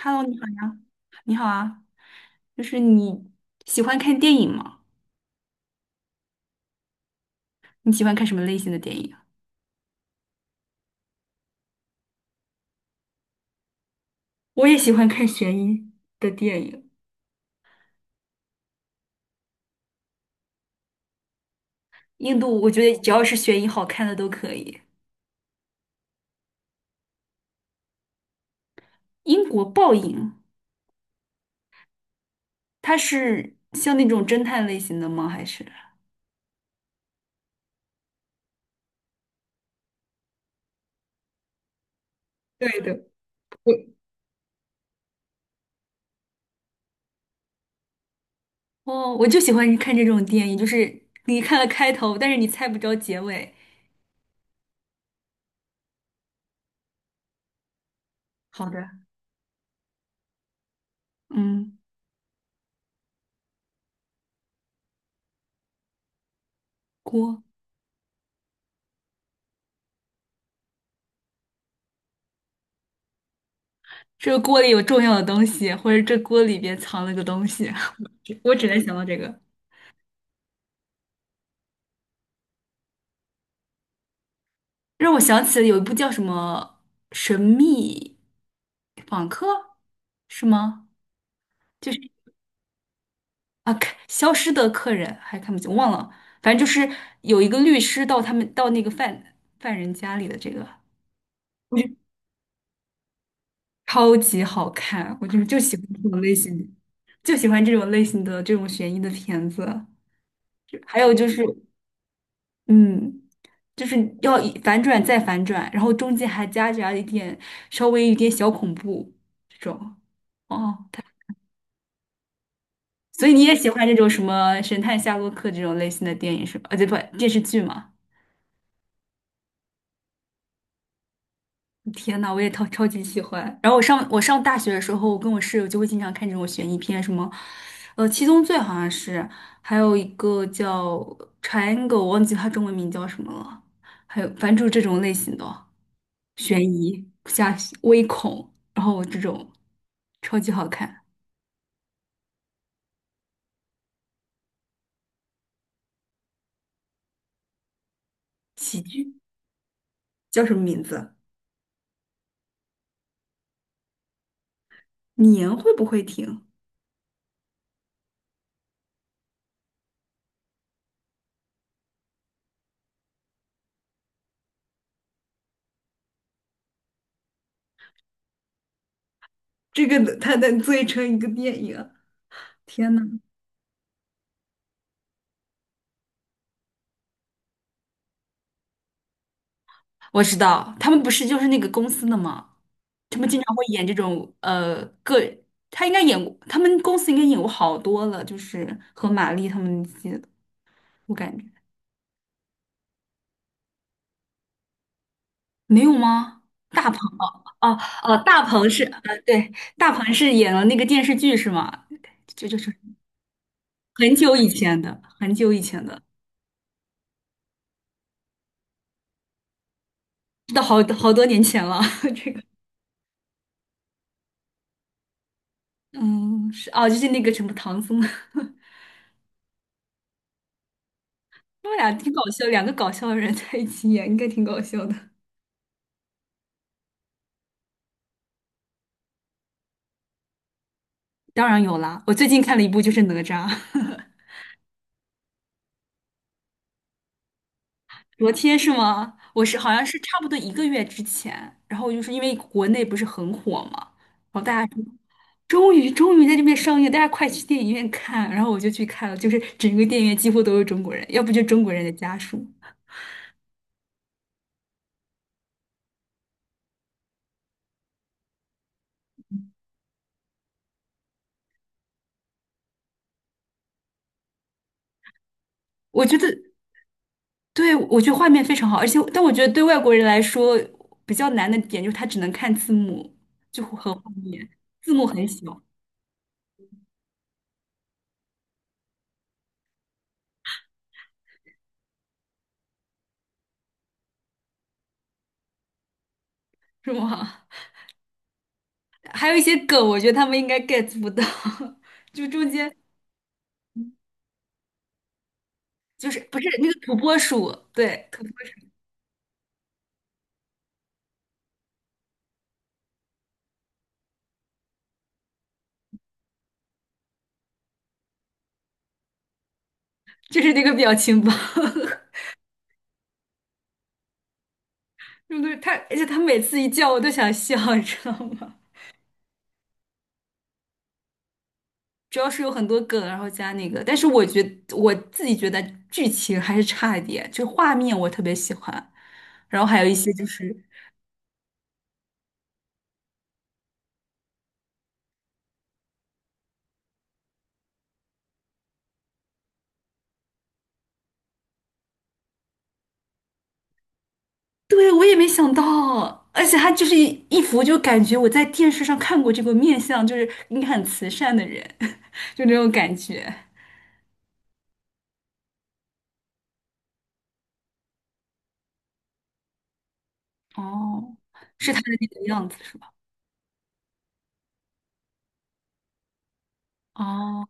Hello，你好呀，你好啊，就是你喜欢看电影吗？你喜欢看什么类型的电影啊我也喜欢看悬疑的电影，印度我觉得只要是悬疑好看的都可以。英国报应，它是像那种侦探类型的吗？还是？对的，我哦，我就喜欢看这种电影，就是你看了开头，但是你猜不着结尾。好的，嗯，锅，这个锅里有重要的东西，或者这锅里边藏了个东西，我只能想到这个。让我想起了有一部叫什么《神秘访客》，是吗？就是啊，看消失的客人还看不清，忘了，反正就是有一个律师到他们到那个犯人家里的这个，我觉得超级好看，我就是就喜欢这种类型的，就喜欢这种类型的这种悬疑的片子。就还有就是，嗯，就是要以反转再反转，然后中间还夹杂一点稍微有点小恐怖这种。哦。所以你也喜欢这种什么神探夏洛克这种类型的电影是吧？啊，对不，电视剧嘛。天呐，我也超级喜欢。然后我上大学的时候，我跟我室友就会经常看这种悬疑片，什么，《七宗罪》好像是，还有一个叫《Triangle》，我忘记它中文名叫什么了。还有，反正就是这种类型的悬疑加微恐，然后这种超级好看。喜剧叫什么名字？年会不会停？这个它能做成一个电影。天呐，我知道，他们不是就是那个公司的吗？他们经常会演这种他应该演过，他们公司应该演过好多了，就是和玛丽他们那些的我感觉没有吗？大鹏大鹏是对，大鹏是演了那个电视剧是吗？就就是很久以前的，很久以前的，都好好多年前了。这个嗯是哦，就是那个什么唐僧，他们俩挺搞笑，两个搞笑的人在一起演，应该挺搞笑的。当然有啦，我最近看了一部就是哪吒，昨天是吗？我是好像是差不多一个月之前，然后就是因为国内不是很火嘛，然后大家说终于在这边上映，大家快去电影院看，然后我就去看了，就是整个电影院几乎都是中国人，要不就中国人的家属。我觉得，对，我觉得画面非常好，而且但我觉得对外国人来说比较难的点就是他只能看字幕，就很画面，字幕很小，是吗？还有一些梗，我觉得他们应该 get 不到，就中间就是不是那个土拨鼠，对，土拨鼠就是那个表情包，对对？他而且他每次一叫我都想笑，你知道吗？主要是有很多梗，然后加那个，但是我觉得我自己觉得剧情还是差一点，就画面我特别喜欢，然后还有一些就是，对，我也没想到，而且他就是一一幅就感觉我在电视上看过这个面相，就是应该很慈善的人，就那种感觉。哦，是他的那个样子是吧？哦，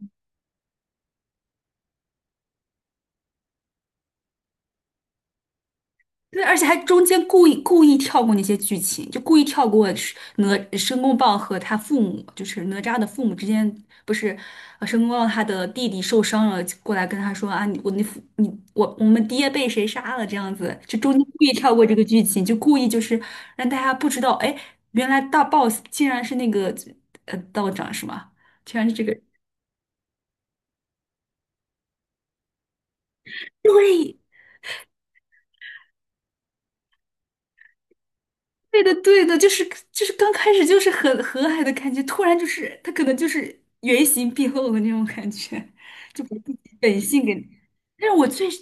对，而且还中间故意跳过那些剧情，就故意跳过是哪申公豹和他父母，就是哪吒的父母之间，不是，申公豹他的弟弟受伤了，过来跟他说啊，你我你父你我们爹被谁杀了这样子，就中间故意跳过这个剧情，就故意就是让大家不知道，哎，原来大 boss 竟然是那个道长是吗？竟然是这个，对，对的，对的，就是就是刚开始就是很和蔼的感觉，突然就是他可能就是原形毕露的那种感觉，就把自己本性给。但是我最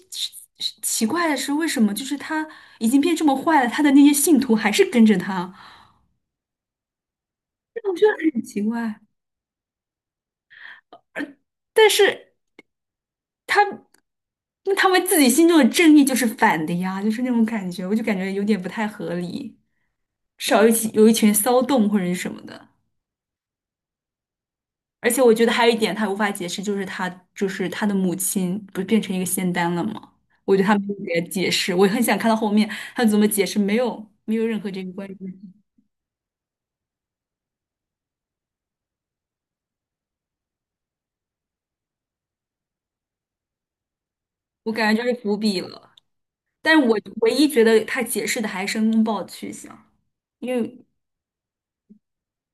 是奇怪的是，为什么就是他已经变这么坏了，他的那些信徒还是跟着他，我觉得很奇怪。但是他那他们自己心中的正义就是反的呀，就是那种感觉，我就感觉有点不太合理，至少有一起有一群骚动或者是什么的。而且我觉得还有一点他无法解释，就是他就是他的母亲不是变成一个仙丹了吗？我觉得他没有给他解释，我很想看到后面他怎么解释，没有任何这个关系，我感觉就是伏笔了。但是我唯一觉得他解释的还是申公豹的去向，因为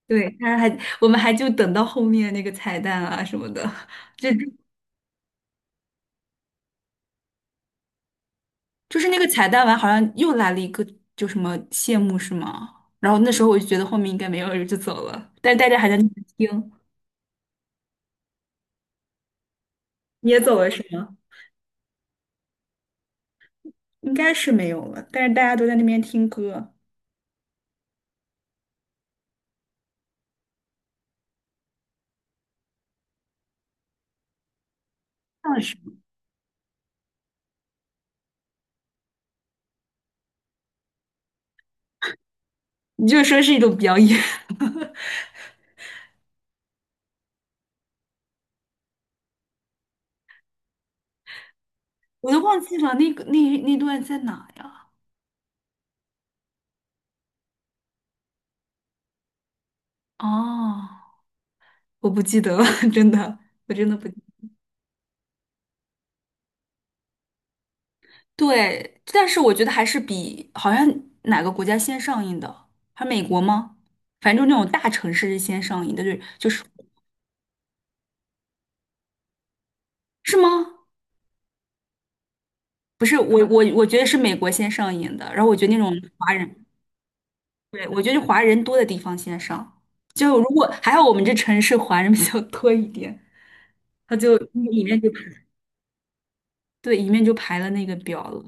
对他还我们还就等到后面那个彩蛋啊什么的，就就是那个彩蛋完好像又来了一个就什么谢幕是吗？然后那时候我就觉得后面应该没有人就走了，但是大家还在那边听。你也走了是吗？应该是没有了，但是大家都在那边听歌。那是，你就说是一种表演，我都忘记了那个那段在哪呀？哦，我不记得了，真的，我真的不记得对，但是我觉得还是比好像哪个国家先上映的，还美国吗？反正就那种大城市是先上映的，对，就是是吗？不是，我觉得是美国先上映的，然后我觉得那种华人。对，我觉得华人多的地方先上，就如果还好我们这城市华人比较多一点，他就里面就排对里面就排了那个表了。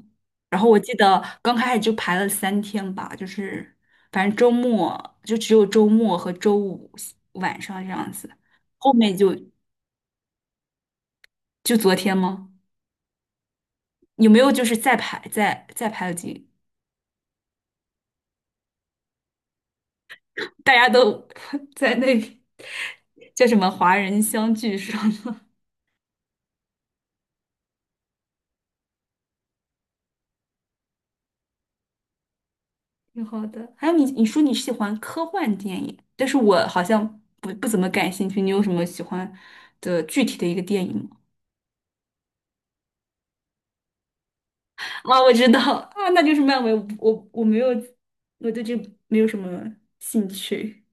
然后我记得刚开始就排了三天吧，就是反正周末就只有周末和周五晚上这样子，后面就就昨天吗？有没有就是再排了几？大家都 在那叫什么华人相聚上？挺好的。还有你，你说你喜欢科幻电影，但是我好像不怎么感兴趣。你有什么喜欢的具体的一个电影吗？啊，我知道 啊，那就是漫威。我没有，我对这没有什么兴趣。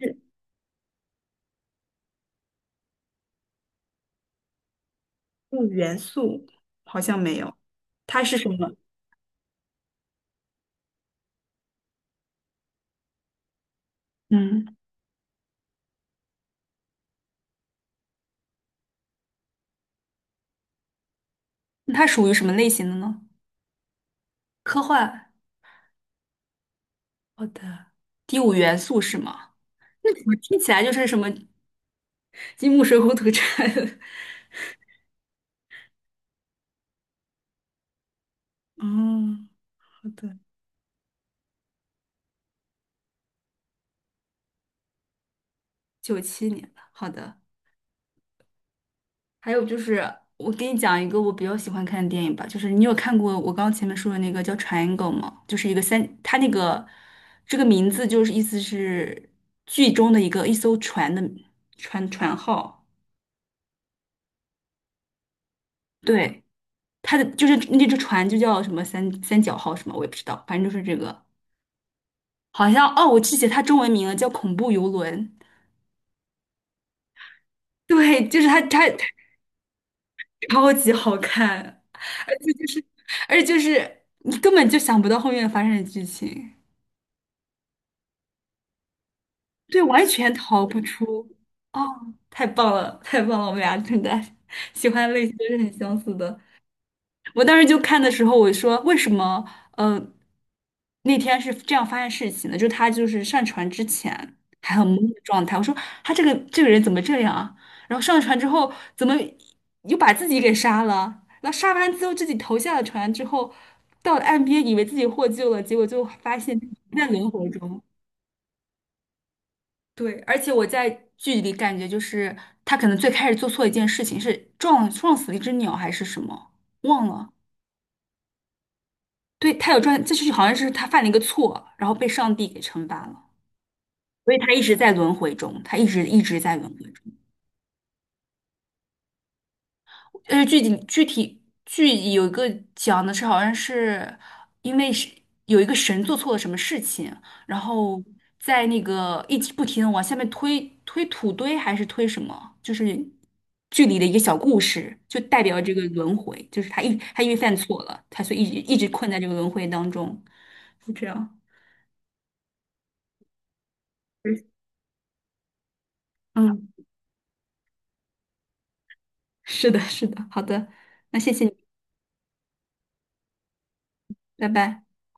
是嗯，元素好像没有，它是什么？嗯，那它属于什么类型的呢？科幻。好的，第五元素是吗？那怎么听起来就是什么金木水火土这 哦，好的，九七年的。好的。还有就是，我给你讲一个我比较喜欢看的电影吧，就是你有看过我刚刚前面说的那个叫《Triangle》吗？就是一个三，它那个这个名字就是意思是剧中的一个一艘船的船号，对，它的就是那只船就叫什么三角号什么，我也不知道，反正就是这个，好像哦，我记起它中文名了，叫《恐怖游轮》，对，就是它超级好看，而且就是而且就是你根本就想不到后面发生的剧情。对，完全逃不出。哦，太棒了，太棒了，我们俩真的喜欢的类型都是很相似的。我当时就看的时候，我说为什么？呃，那天是这样发现事情的，就是他就是上船之前还很懵的状态。我说他这个人怎么这样啊？然后上船之后怎么又把自己给杀了？那杀完之后自己投下了船之后，到了岸边以为自己获救了，结果就发现在轮回中。对，而且我在剧里感觉就是他可能最开始做错一件事情，是撞死了一只鸟还是什么，忘了。对，他有撞，这就是好像是他犯了一个错，然后被上帝给惩罚了，所以他一直在轮回中，他一直在轮回中。具体剧有一个讲的是，好像是因为是有一个神做错了什么事情，然后在那个一直不停的往下面推土堆还是推什么，就是剧里的一个小故事，就代表这个轮回，就是他因为犯错了，他所以一直困在这个轮回当中，就这样。嗯，是的，是的，好的，那谢谢你，拜拜。